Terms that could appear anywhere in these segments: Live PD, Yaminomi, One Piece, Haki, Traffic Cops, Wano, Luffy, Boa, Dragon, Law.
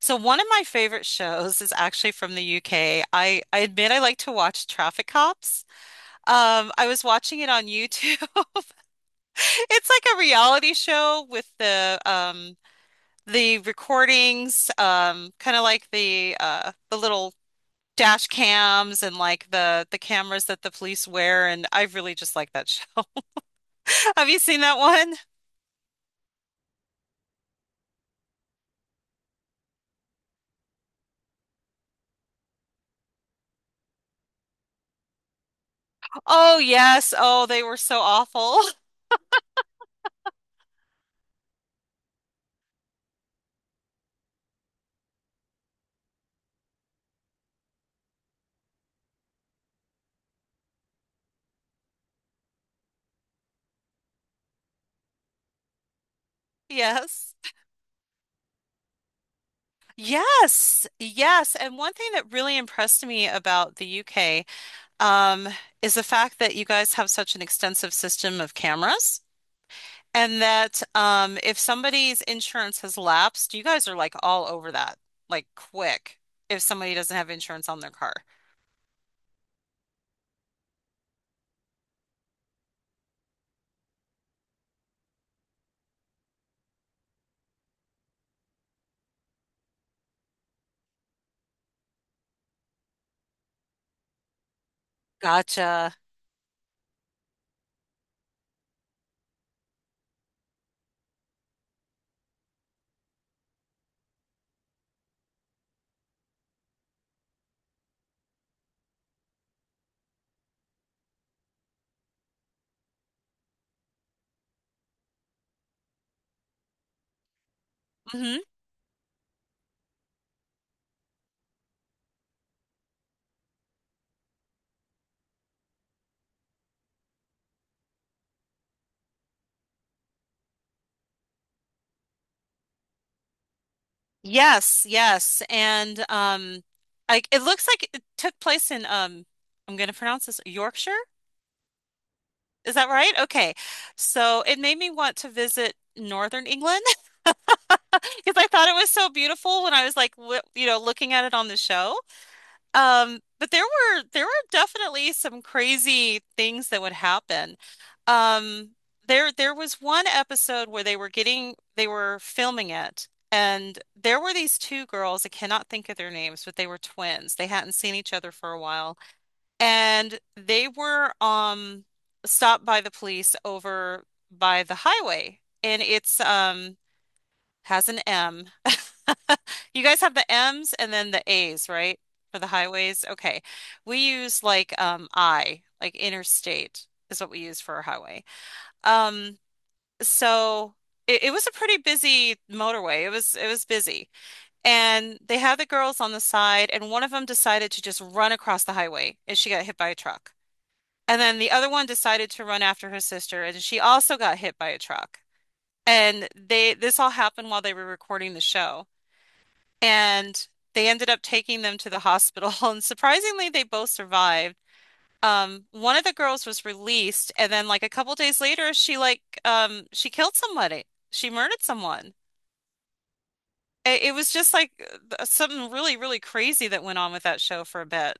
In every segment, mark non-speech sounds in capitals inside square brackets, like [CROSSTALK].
So one of my favorite shows is actually from the UK. I admit I like to watch Traffic Cops. I was watching it on YouTube. [LAUGHS] It's like a reality show with the the recordings, kind of like the the little dash cams and like the cameras that the police wear, and I really just like that show. [LAUGHS] Have you seen that one? Oh yes. Oh, they were so awful. [LAUGHS] Yes. Yes, yes. And one thing that really impressed me about the UK, um, is the fact that you guys have such an extensive system of cameras, and that if somebody's insurance has lapsed, you guys are like all over that, like quick, if somebody doesn't have insurance on their car. Gotcha. Hmm. Yes, yes. And like it looks like it took place in I'm going to pronounce this Yorkshire. Is that right? Okay. So it made me want to visit Northern England [LAUGHS] because I thought it was so beautiful when I was like, w you know, looking at it on the show. But there were definitely some crazy things that would happen. Um, there was one episode where they were filming it, and there were these two girls. I cannot think of their names, but they were twins. They hadn't seen each other for a while. And they were stopped by the police over by the highway. And it's has an M. [LAUGHS] You guys have the M's and then the A's, right? For the highways. Okay. We use like like interstate is what we use for a highway. Um so it was a pretty busy motorway. It was busy. And they had the girls on the side and one of them decided to just run across the highway and she got hit by a truck. And then the other one decided to run after her sister, and she also got hit by a truck. And they this all happened while they were recording the show. And they ended up taking them to the hospital, [LAUGHS] and surprisingly, they both survived. One of the girls was released, and then like a couple days later, she she killed somebody. She murdered someone. It was just like something really, really crazy that went on with that show for a bit.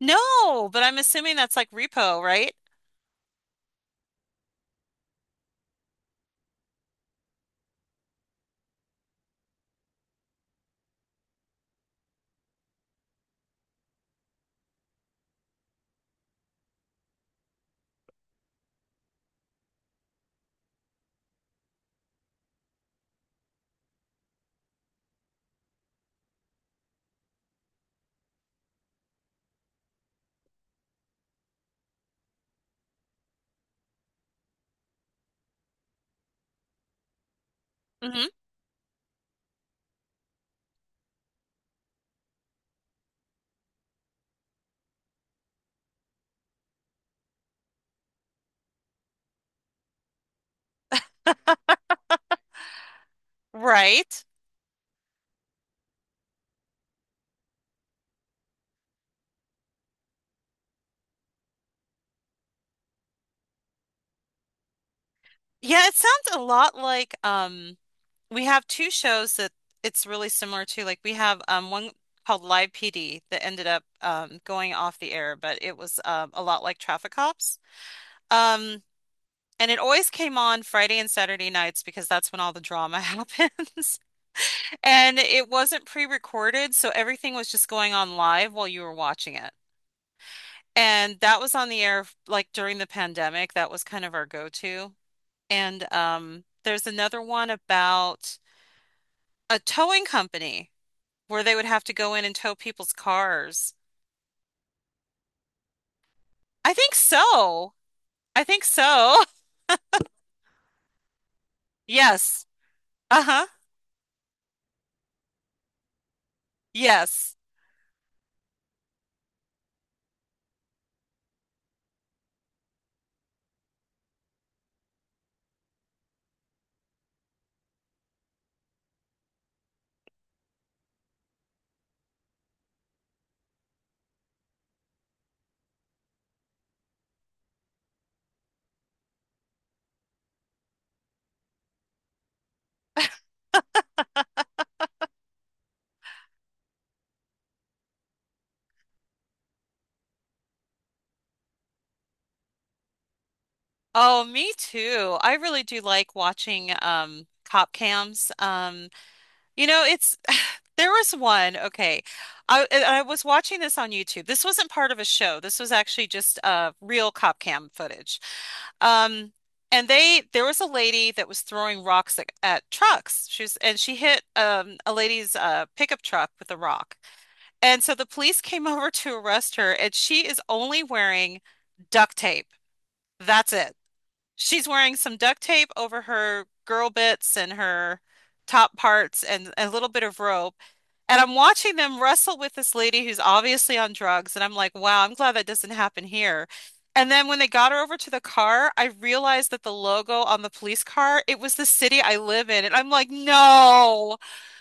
No, but I'm assuming that's like Repo, right? Hmm. Right. Yeah, it sounds a lot like we have two shows that it's really similar to. Like we have one called Live PD that ended up going off the air, but it was a lot like Traffic Cops. Um and it always came on Friday and Saturday nights because that's when all the drama [LAUGHS] happens. And it wasn't pre-recorded, so everything was just going on live while you were watching it. And that was on the air like during the pandemic. That was kind of our go-to. And there's another one about a towing company where they would have to go in and tow people's cars. I think so. I think so. [LAUGHS] Yes. Uh-huh. Yes. Oh, me too. I really do like watching cop cams. You know, it's [SIGHS] there was one. Okay. I was watching this on YouTube. This wasn't part of a show. This was actually just real cop cam footage. Um and they there was a lady that was throwing rocks at trucks. She was and she hit a lady's pickup truck with a rock. And so the police came [LAUGHS] over to arrest her and she is only wearing duct tape. That's it. She's wearing some duct tape over her girl bits and her top parts and a little bit of rope and I'm watching them wrestle with this lady who's obviously on drugs. And I'm like, wow, I'm glad that doesn't happen here. And then when they got her over to the car, I realized that the logo on the police car, it was the city I live in. And I'm like, no,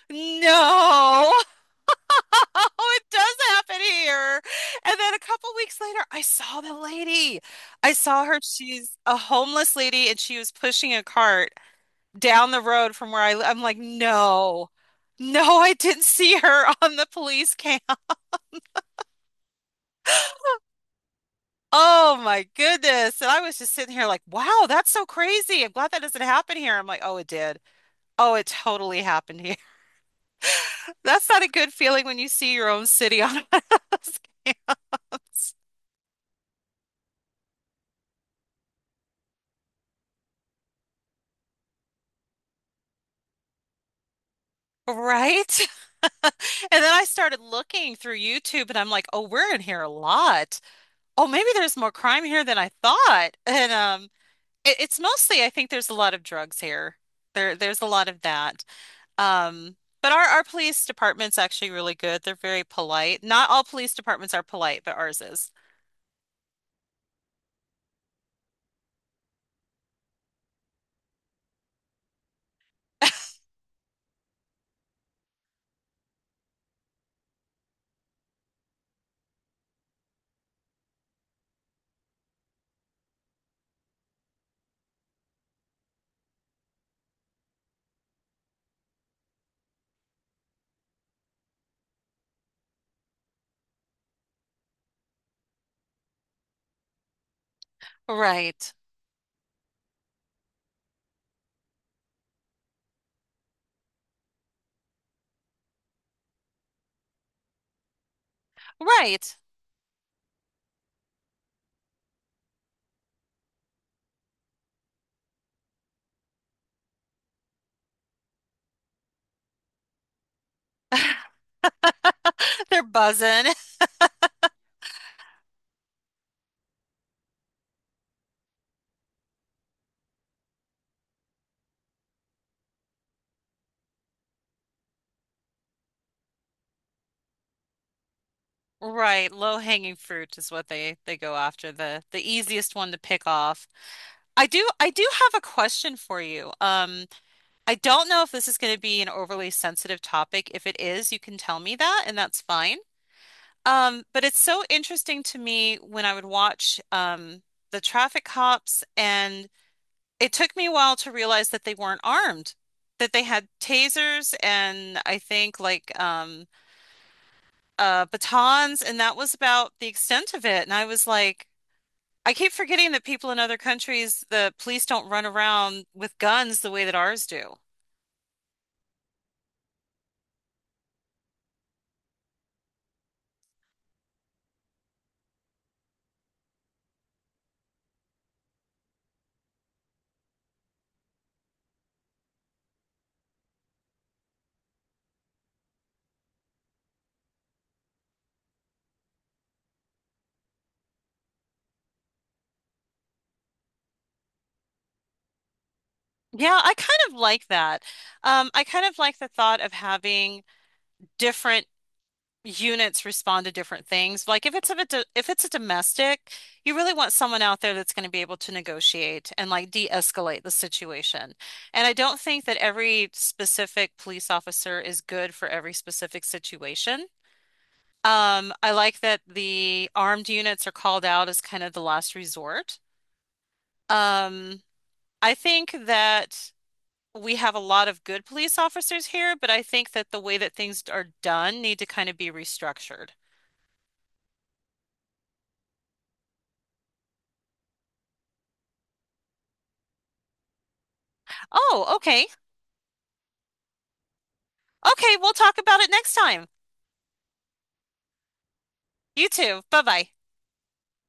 no, [LAUGHS] it does happen here. And then a couple weeks later, I saw the lady. I saw her. She's a homeless lady and she was pushing a cart down the road from where I live. I'm like, no, no, I didn't see her [LAUGHS] on the police cam. [LAUGHS] Oh my goodness. And I was just sitting here like, wow, that's so crazy. I'm glad that doesn't happen here. I'm like, oh, it did. Oh, it totally happened here. [LAUGHS] That's not a good feeling when you see your own city on [LAUGHS] one of those cams. Right? [LAUGHS] And then I started looking through YouTube and I'm like, oh, we're in here a lot. Oh, maybe there's more crime here than I thought. And it's mostly, I think there's a lot of drugs here. There's a lot of that. Um, but our police department's actually really good. They're very polite. Not all police departments are polite, but ours is. Right. Right. [LAUGHS] They're buzzing. Right. Low hanging fruit is what they go after. The easiest one to pick off. I do have a question for you. I don't know if this is going to be an overly sensitive topic. If it is, you can tell me that, and that's fine. But it's so interesting to me when I would watch the traffic cops, and it took me a while to realize that they weren't armed, that they had tasers and I think like batons, and that was about the extent of it. And I was like, I keep forgetting that people in other countries, the police don't run around with guns the way that ours do. Yeah, I kind of like that. I kind of like the thought of having different units respond to different things. Like if it's a if it's a domestic, you really want someone out there that's going to be able to negotiate and like de-escalate the situation. And I don't think that every specific police officer is good for every specific situation. I like that the armed units are called out as kind of the last resort. Um, I think that we have a lot of good police officers here, but I think that the way that things are done need to kind of be restructured. Oh, okay. Okay, we'll talk about it next time. You too. Bye bye.